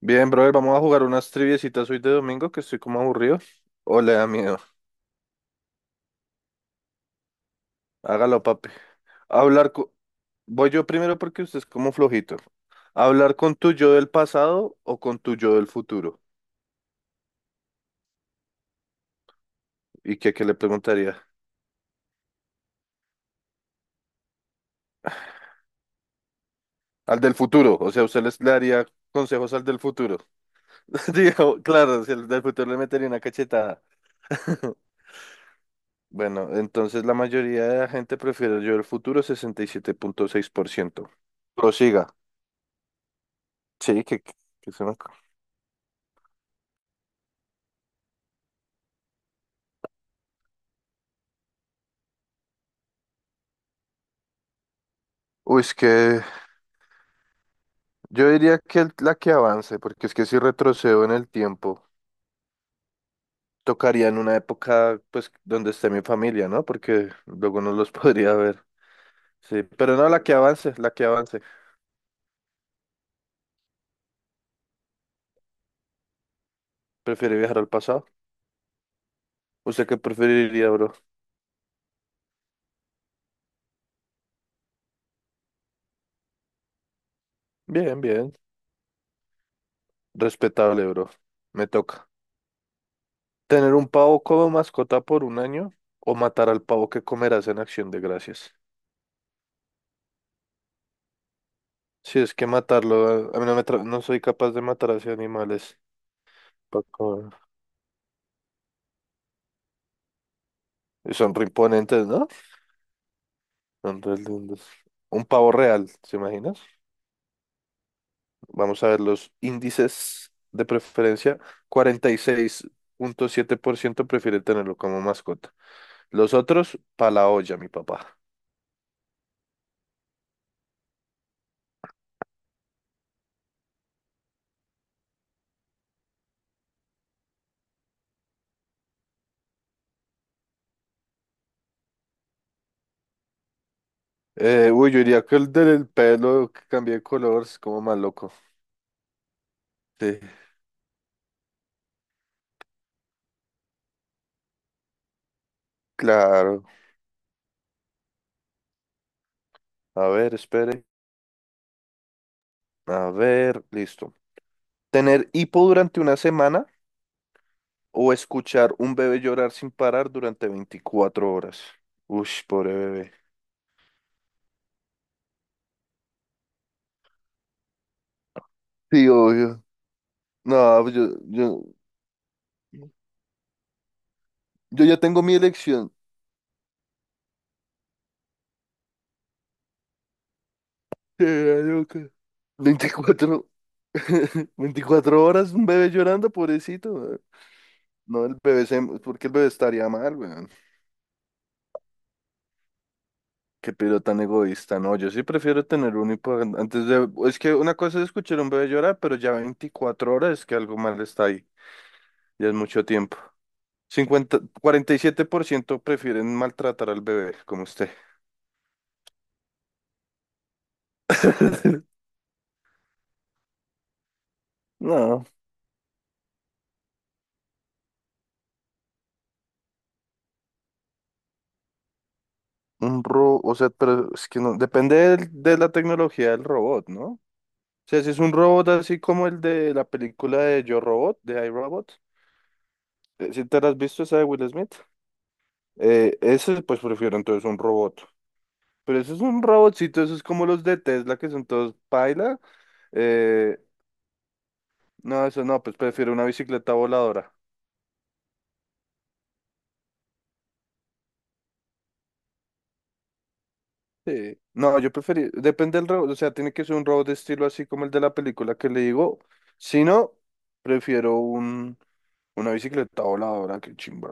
Bien, brother, vamos a jugar unas triviecitas hoy de domingo que estoy como aburrido. O le da miedo. Hágalo, papi. Hablar con... Voy yo primero porque usted es como flojito. ¿Hablar con tu yo del pasado o con tu yo del futuro? ¿Y qué le preguntaría? Al del futuro. O sea, usted le daría consejos al del futuro. Digo, claro, si al del futuro le metería una cachetada. Bueno, entonces la mayoría de la gente prefiere el yo del futuro, 67.6%. Prosiga. Sí, que se me... Uy, es que yo diría que la que avance, porque es que si retrocedo en el tiempo, tocaría en una época, pues, donde esté mi familia, ¿no? Porque luego no los podría ver. Sí, pero no, la que avance, la que avance. Prefiero viajar al pasado. ¿Usted qué preferiría, bro? Bien, bien. Respetable, bro. Me toca. ¿Tener un pavo como mascota por un año o matar al pavo que comerás en Acción de Gracias? Si es que matarlo, a mí no me no soy capaz de matar a esos animales. Pa' comer. Y son reimponentes, ¿no? Son re lindos. Un pavo real, ¿se imaginas? Vamos a ver los índices de preferencia. 46.7% prefiere tenerlo como mascota. Los otros, pa' la olla, mi papá. Uy, yo diría que el del pelo que cambié de color es como más loco. Sí, claro. A ver, espere. A ver, listo. Tener hipo durante una semana o escuchar un bebé llorar sin parar durante 24 horas. Uy, pobre bebé. Sí, obvio. No, pues yo ya tengo mi elección. Loca. 24, 24 horas, un bebé llorando, pobrecito, weón. No, el bebé se... porque el bebé estaría mal, weón. Qué pero tan egoísta. No, yo sí prefiero tener un hipo antes de... Es que una cosa es escuchar a un bebé llorar, pero ya 24 horas es que algo mal está ahí. Ya es mucho tiempo. Cincuenta cuarenta y siete por ciento prefieren maltratar al bebé, como usted. No. Un robot, o sea, pero es que no, depende de la tecnología del robot, ¿no? O sea, si es un robot así como el de la película de Yo Robot, de I, Robot, si te la has visto esa de Will Smith, ese pues prefiero entonces un robot. Pero eso es un robotcito, eso es como los de Tesla que son todos paila. eh, no, eso no, pues prefiero una bicicleta voladora. Sí. No, yo preferí, depende del robot, o sea, tiene que ser un robot de estilo así como el de la película que le digo. Si no, prefiero un... Una bicicleta voladora, qué chimba.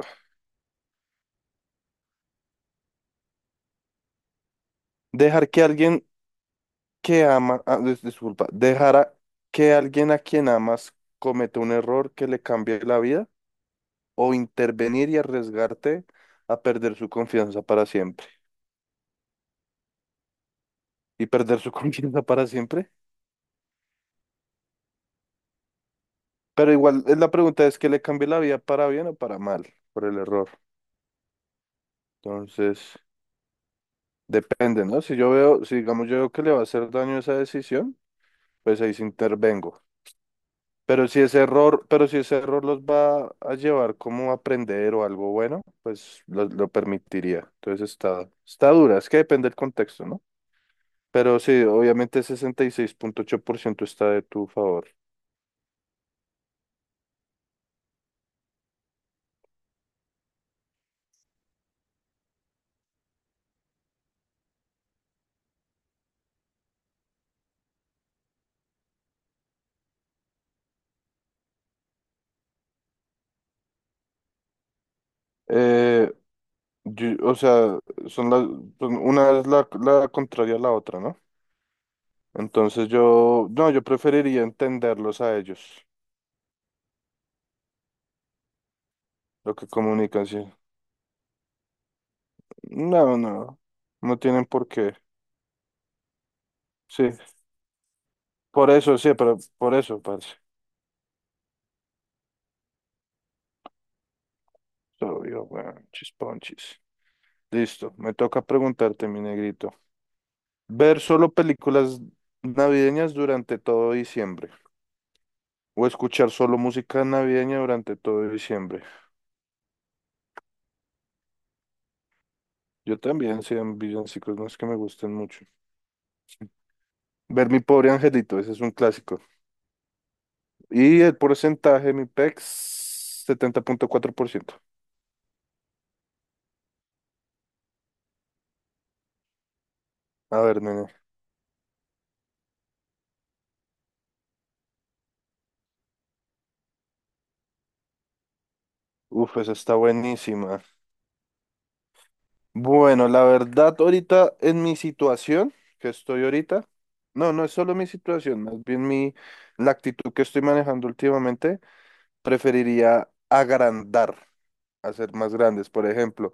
Dejar que alguien que ama, disculpa, que alguien a quien amas cometa un error que le cambie la vida o intervenir y arriesgarte a perder su confianza para siempre. Y perder su confianza para siempre. Pero igual, la pregunta es que le cambie la vida para bien o para mal por el error. Entonces, depende, ¿no? Si yo veo, si digamos yo veo que le va a hacer daño esa decisión, pues ahí sí intervengo. Pero si ese error los va a llevar como a aprender o algo bueno, pues lo permitiría. Entonces está dura, es que depende del contexto, ¿no? Pero sí, obviamente 66.8% está de tu favor. Eh, o sea, son las, una es la contraria a la otra, ¿no? Entonces yo, no, yo preferiría entenderlos a ellos, lo que comunican, sí. No, no, no tienen por qué. Sí, por eso, sí, pero por eso, parce. Obvio, weón, chisponchis. Listo, me toca preguntarte, mi negrito. ¿Ver solo películas navideñas durante todo diciembre? ¿O escuchar solo música navideña durante todo diciembre? Yo también, sean villancicos, no es que me gusten mucho. Ver Mi Pobre Angelito, ese es un clásico. Y el porcentaje, mi pex, 70.4%. A ver, nene. Uf, esa está buenísima. Bueno, la verdad, ahorita en mi situación que estoy ahorita, no, no es solo mi situación, más bien mi, la actitud que estoy manejando últimamente, preferiría agrandar, hacer más grandes. Por ejemplo,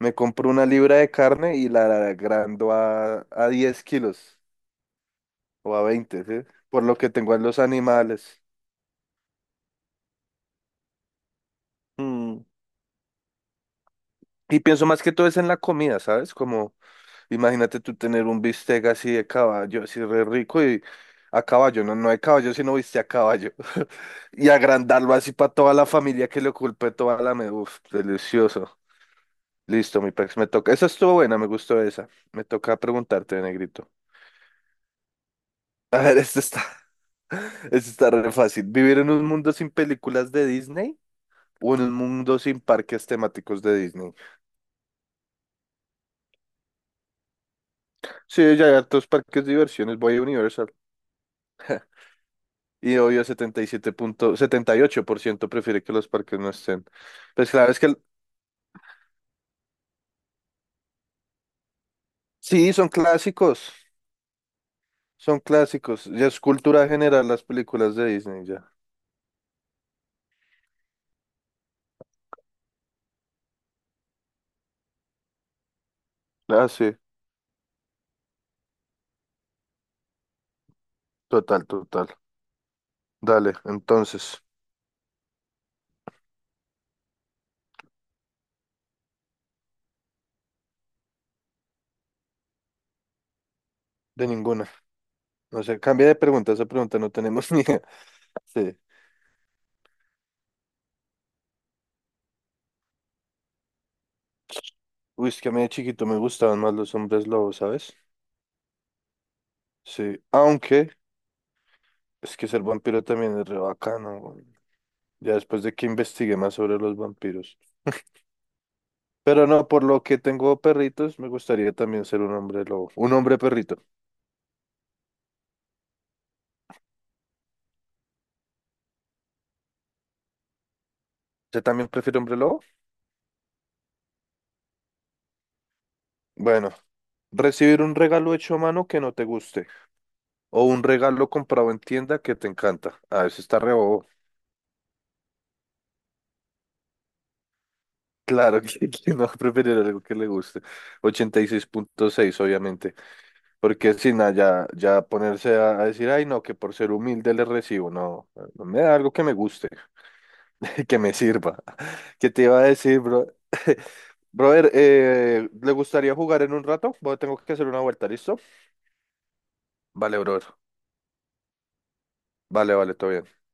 me compro una libra de carne y la agrando a 10 kilos o a 20, ¿sí? Por lo que tengo a los animales. Mm, Y pienso más que todo es en la comida, ¿sabes? Como imagínate tú tener un bistec así de caballo, así re rico y a caballo, no, no de caballo, sino bistec a caballo. Y agrandarlo así para toda la familia que le ocupe toda la me... Uf, delicioso. Listo, mi pex, me toca. Esa estuvo buena, me gustó esa. Me toca preguntarte, negrito. A ver, esto está, esto está re fácil. ¿Vivir en un mundo sin películas de Disney o en un mundo sin parques temáticos de Disney? Sí, ya hay hartos parques de diversiones. Voy a Universal. Y obvio, 77 punto, 78% prefiere que los parques no estén. Pues claro, es que sí, son clásicos, son clásicos. Ya es cultura general las películas de Disney, ya. Ah, sí, total, total. Dale, entonces, de ninguna. No sé, cambia de pregunta, esa pregunta no tenemos ni idea. Sí. Uy, es que a mí de chiquito me gustaban más los hombres lobos, ¿sabes? Sí, aunque es que ser vampiro también es re bacano, güey. Ya después de que investigué más sobre los vampiros. Pero no, por lo que tengo perritos, me gustaría también ser un hombre lobo. Un hombre perrito. ¿Usted también prefiere hombre lobo? Bueno, recibir un regalo hecho a mano que no te guste. O un regalo comprado en tienda que te encanta. A veces está re bobo. Claro que no va a preferir algo que le guste. 86.6 obviamente. Porque si nada, ya, ya ponerse a decir, ay, no, que por ser humilde le recibo. No, no me da algo que me guste, que me sirva. ¿Qué te iba a decir, bro? Brother, ¿le gustaría jugar en un rato? Bueno, tengo que hacer una vuelta, ¿listo? Vale, brother. Vale, vale, todo bien.